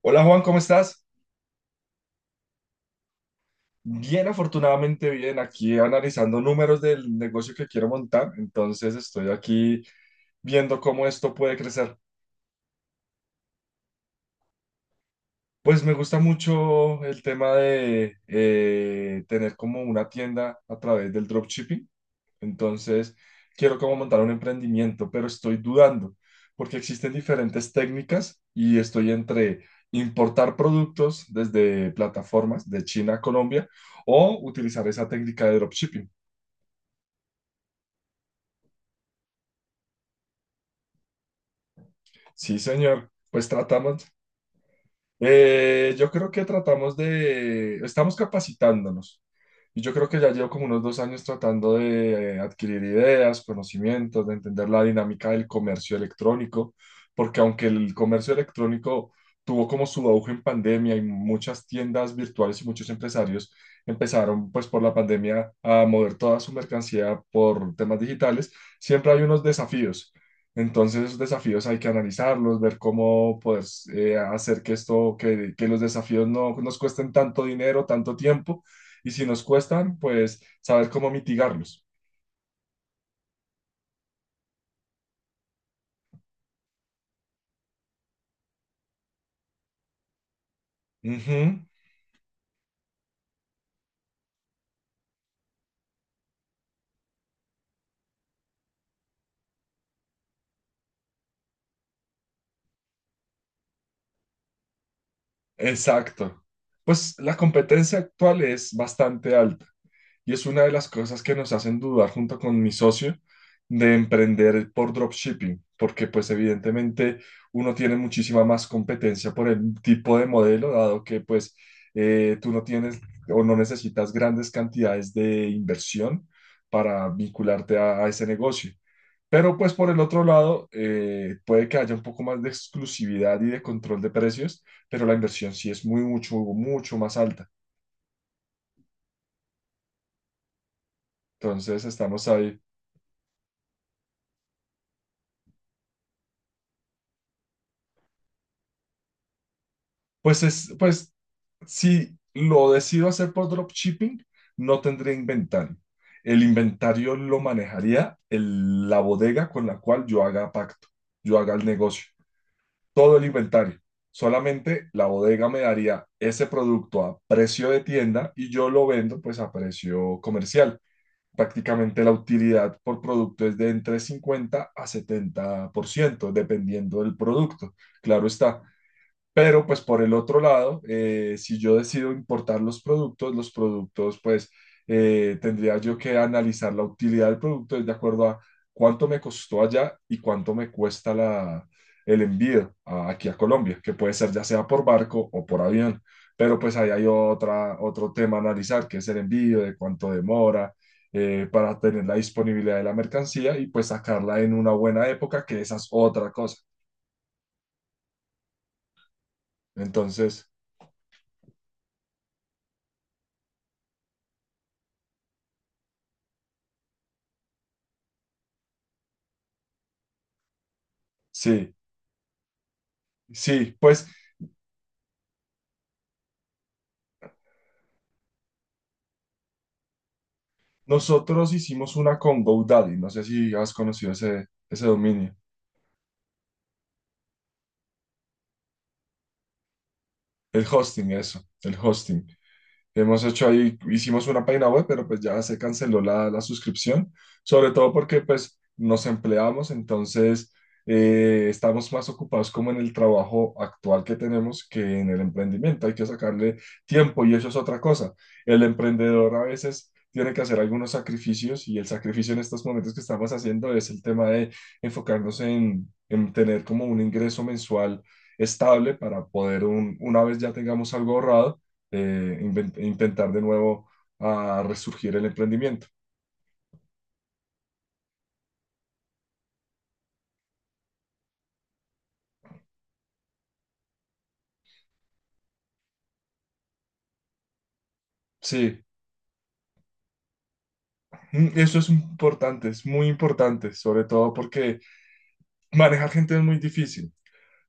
Hola Juan, ¿cómo estás? Bien, afortunadamente bien, aquí analizando números del negocio que quiero montar, entonces estoy aquí viendo cómo esto puede crecer. Pues me gusta mucho el tema de tener como una tienda a través del dropshipping, entonces quiero como montar un emprendimiento, pero estoy dudando porque existen diferentes técnicas y estoy entre importar productos desde plataformas de China a Colombia o utilizar esa técnica de dropshipping. Sí, señor. Pues tratamos, yo creo que tratamos de, estamos capacitándonos. Y yo creo que ya llevo como unos 2 años tratando de adquirir ideas, conocimientos, de entender la dinámica del comercio electrónico, porque aunque el comercio electrónico tuvo como su auge en pandemia y muchas tiendas virtuales y muchos empresarios empezaron pues por la pandemia a mover toda su mercancía por temas digitales, siempre hay unos desafíos. Entonces, esos desafíos hay que analizarlos, ver cómo poder hacer que esto, que los desafíos no nos cuesten tanto dinero, tanto tiempo, y si nos cuestan, pues saber cómo mitigarlos. Ujú, exacto. Pues la competencia actual es bastante alta. Y es una de las cosas que nos hacen dudar junto con mi socio de emprender por dropshipping, porque pues evidentemente uno tiene muchísima más competencia por el tipo de modelo, dado que pues tú no tienes o no necesitas grandes cantidades de inversión para vincularte a ese negocio. Pero pues por el otro lado, puede que haya un poco más de exclusividad y de control de precios, pero la inversión sí es muy, mucho, mucho más alta. Entonces estamos ahí. Pues si lo decido hacer por dropshipping, no tendría inventario. El inventario lo manejaría la bodega con la cual yo haga pacto, yo haga el negocio, todo el inventario. Solamente la bodega me daría ese producto a precio de tienda y yo lo vendo pues a precio comercial. Prácticamente la utilidad por producto es de entre 50 a 70% dependiendo del producto. Claro está, pero pues por el otro lado, si yo decido importar los productos pues tendría yo que analizar la utilidad del producto de acuerdo a cuánto me costó allá y cuánto me cuesta el envío aquí a Colombia, que puede ser ya sea por barco o por avión. Pero pues ahí hay otra, otro tema a analizar, que es el envío, de cuánto demora, para tener la disponibilidad de la mercancía y pues sacarla en una buena época, que esa es otra cosa. Entonces, sí. Sí, pues nosotros hicimos una con GoDaddy. No sé si has conocido ese, ese dominio. El hosting, eso, el hosting. Hemos hecho ahí, hicimos una página web, pero pues ya se canceló la, la suscripción, sobre todo porque pues nos empleamos, entonces estamos más ocupados como en el trabajo actual que tenemos que en el emprendimiento. Hay que sacarle tiempo y eso es otra cosa. El emprendedor a veces tiene que hacer algunos sacrificios y el sacrificio en estos momentos que estamos haciendo es el tema de enfocarnos en tener como un ingreso mensual estable para poder una vez ya tengamos algo ahorrado intentar de nuevo a resurgir el emprendimiento. Sí, eso es importante, es muy importante, sobre todo porque manejar gente es muy difícil.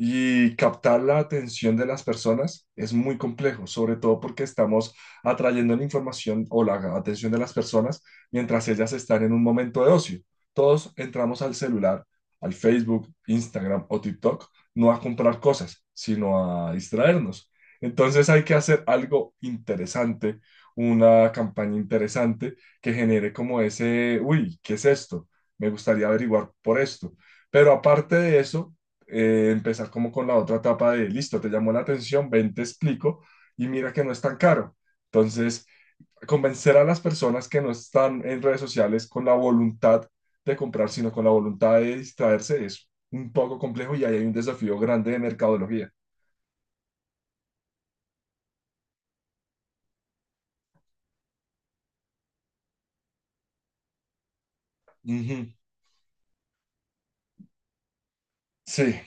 Y captar la atención de las personas es muy complejo, sobre todo porque estamos atrayendo la información o la atención de las personas mientras ellas están en un momento de ocio. Todos entramos al celular, al Facebook, Instagram o TikTok, no a comprar cosas, sino a distraernos. Entonces hay que hacer algo interesante, una campaña interesante que genere como ese, uy, ¿qué es esto? Me gustaría averiguar por esto. Pero aparte de eso, empezar como con la otra etapa de, listo, te llamó la atención, ven, te explico y mira que no es tan caro. Entonces, convencer a las personas que no están en redes sociales con la voluntad de comprar, sino con la voluntad de distraerse es un poco complejo y ahí hay un desafío grande de mercadología. Ujú. Sí,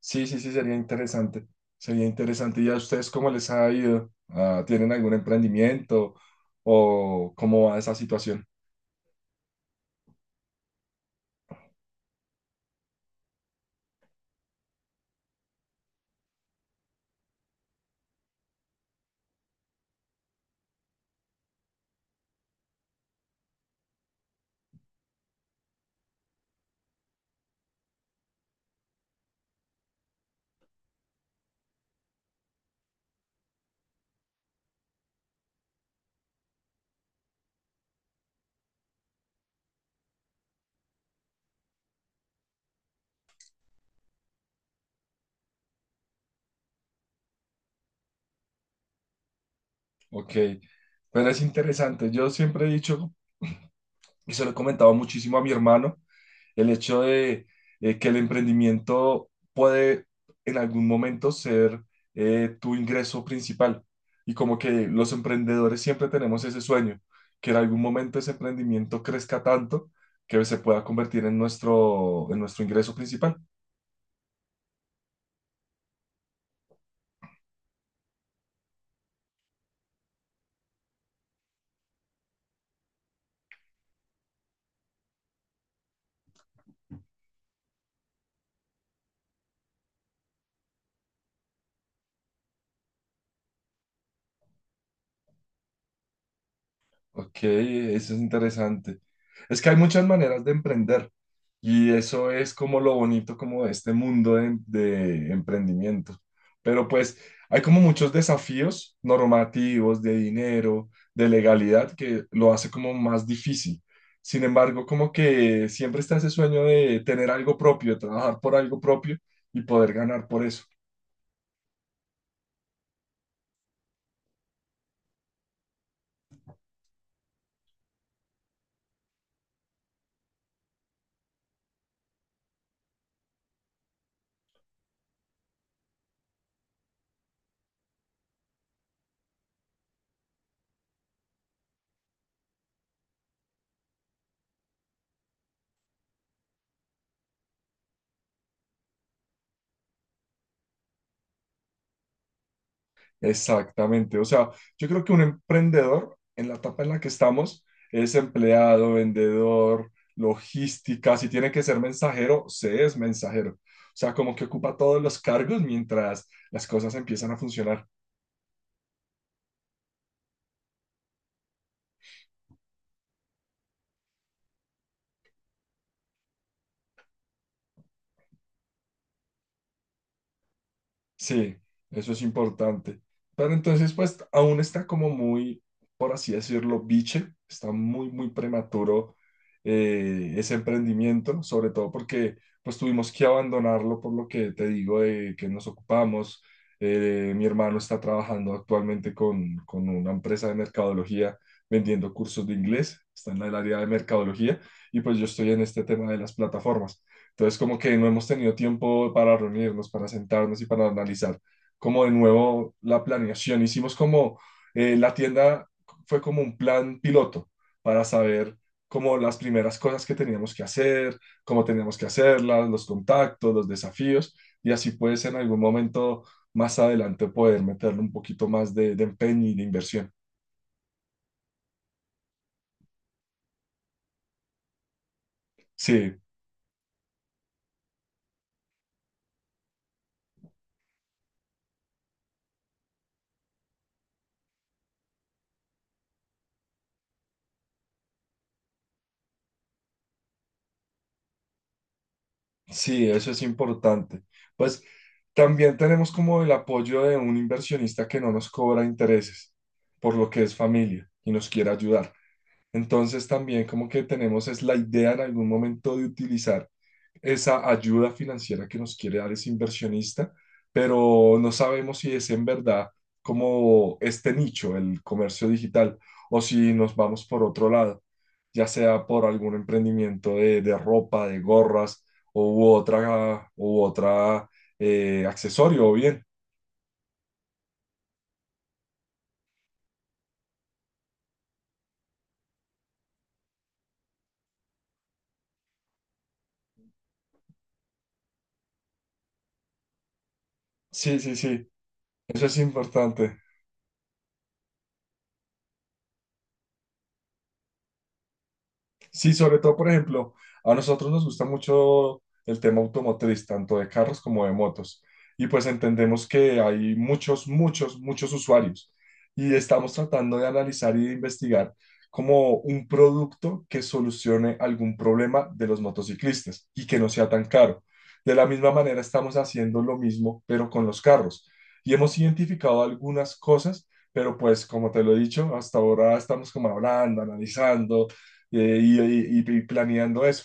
sí, sí, sí, sería interesante. Sería interesante. ¿Y a ustedes cómo les ha ido? Ah, ¿tienen algún emprendimiento o cómo va esa situación? Ok, pero es interesante. Yo siempre he dicho, y se lo he comentado muchísimo a mi hermano, el hecho de que el emprendimiento puede en algún momento ser tu ingreso principal. Y como que los emprendedores siempre tenemos ese sueño, que en algún momento ese emprendimiento crezca tanto que se pueda convertir en nuestro ingreso principal. Ok, eso es interesante. Es que hay muchas maneras de emprender y eso es como lo bonito como de este mundo de emprendimiento. Pero pues hay como muchos desafíos normativos, de dinero, de legalidad que lo hace como más difícil. Sin embargo, como que siempre está ese sueño de tener algo propio, de trabajar por algo propio y poder ganar por eso. Exactamente. O sea, yo creo que un emprendedor en la etapa en la que estamos es empleado, vendedor, logística. Si tiene que ser mensajero, se es mensajero. O sea, como que ocupa todos los cargos mientras las cosas empiezan a funcionar. Sí, eso es importante. Pero entonces, pues, aún está como muy, por así decirlo, biche, está muy, muy prematuro ese emprendimiento, sobre todo porque, pues, tuvimos que abandonarlo por lo que te digo de que nos ocupamos. Mi hermano está trabajando actualmente con una empresa de mercadología vendiendo cursos de inglés, está en el área de mercadología y pues yo estoy en este tema de las plataformas. Entonces, como que no hemos tenido tiempo para reunirnos, para sentarnos y para analizar como de nuevo la planeación. Hicimos como la tienda fue como un plan piloto para saber como las primeras cosas que teníamos que hacer, cómo teníamos que hacerlas, los contactos, los desafíos, y así pues en algún momento más adelante poder meterle un poquito más de empeño y de inversión. Sí, sí, eso es importante. Pues también tenemos como el apoyo de un inversionista que no nos cobra intereses, por lo que es familia y nos quiere ayudar. Entonces también como que tenemos es la idea en algún momento de utilizar esa ayuda financiera que nos quiere dar ese inversionista, pero no sabemos si es en verdad como este nicho, el comercio digital, o si nos vamos por otro lado, ya sea por algún emprendimiento de ropa, de gorras o u otra accesorio o bien. Sí, sí, sí, eso es importante. Sí, sobre todo, por ejemplo, a nosotros nos gusta mucho el tema automotriz, tanto de carros como de motos. Y pues entendemos que hay muchos, muchos, muchos usuarios. Y estamos tratando de analizar y de investigar como un producto que solucione algún problema de los motociclistas y que no sea tan caro. De la misma manera, estamos haciendo lo mismo, pero con los carros. Y hemos identificado algunas cosas, pero pues como te lo he dicho, hasta ahora estamos como hablando, analizando y planeando eso.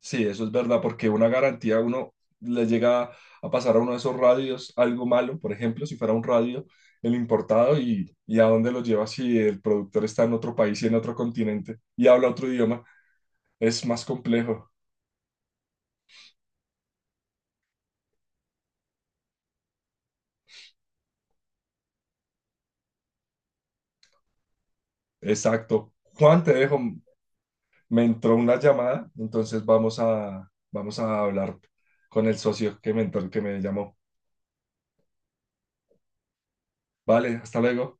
Sí, eso es verdad, porque una garantía a uno le llega a pasar a uno de esos radios algo malo, por ejemplo, si fuera un radio, el importado, y a dónde lo lleva si el productor está en otro país y en otro continente y habla otro idioma, es más complejo. Exacto. Juan, te dejo, me entró una llamada, entonces vamos a hablar con el socio que me llamó. Vale, hasta luego.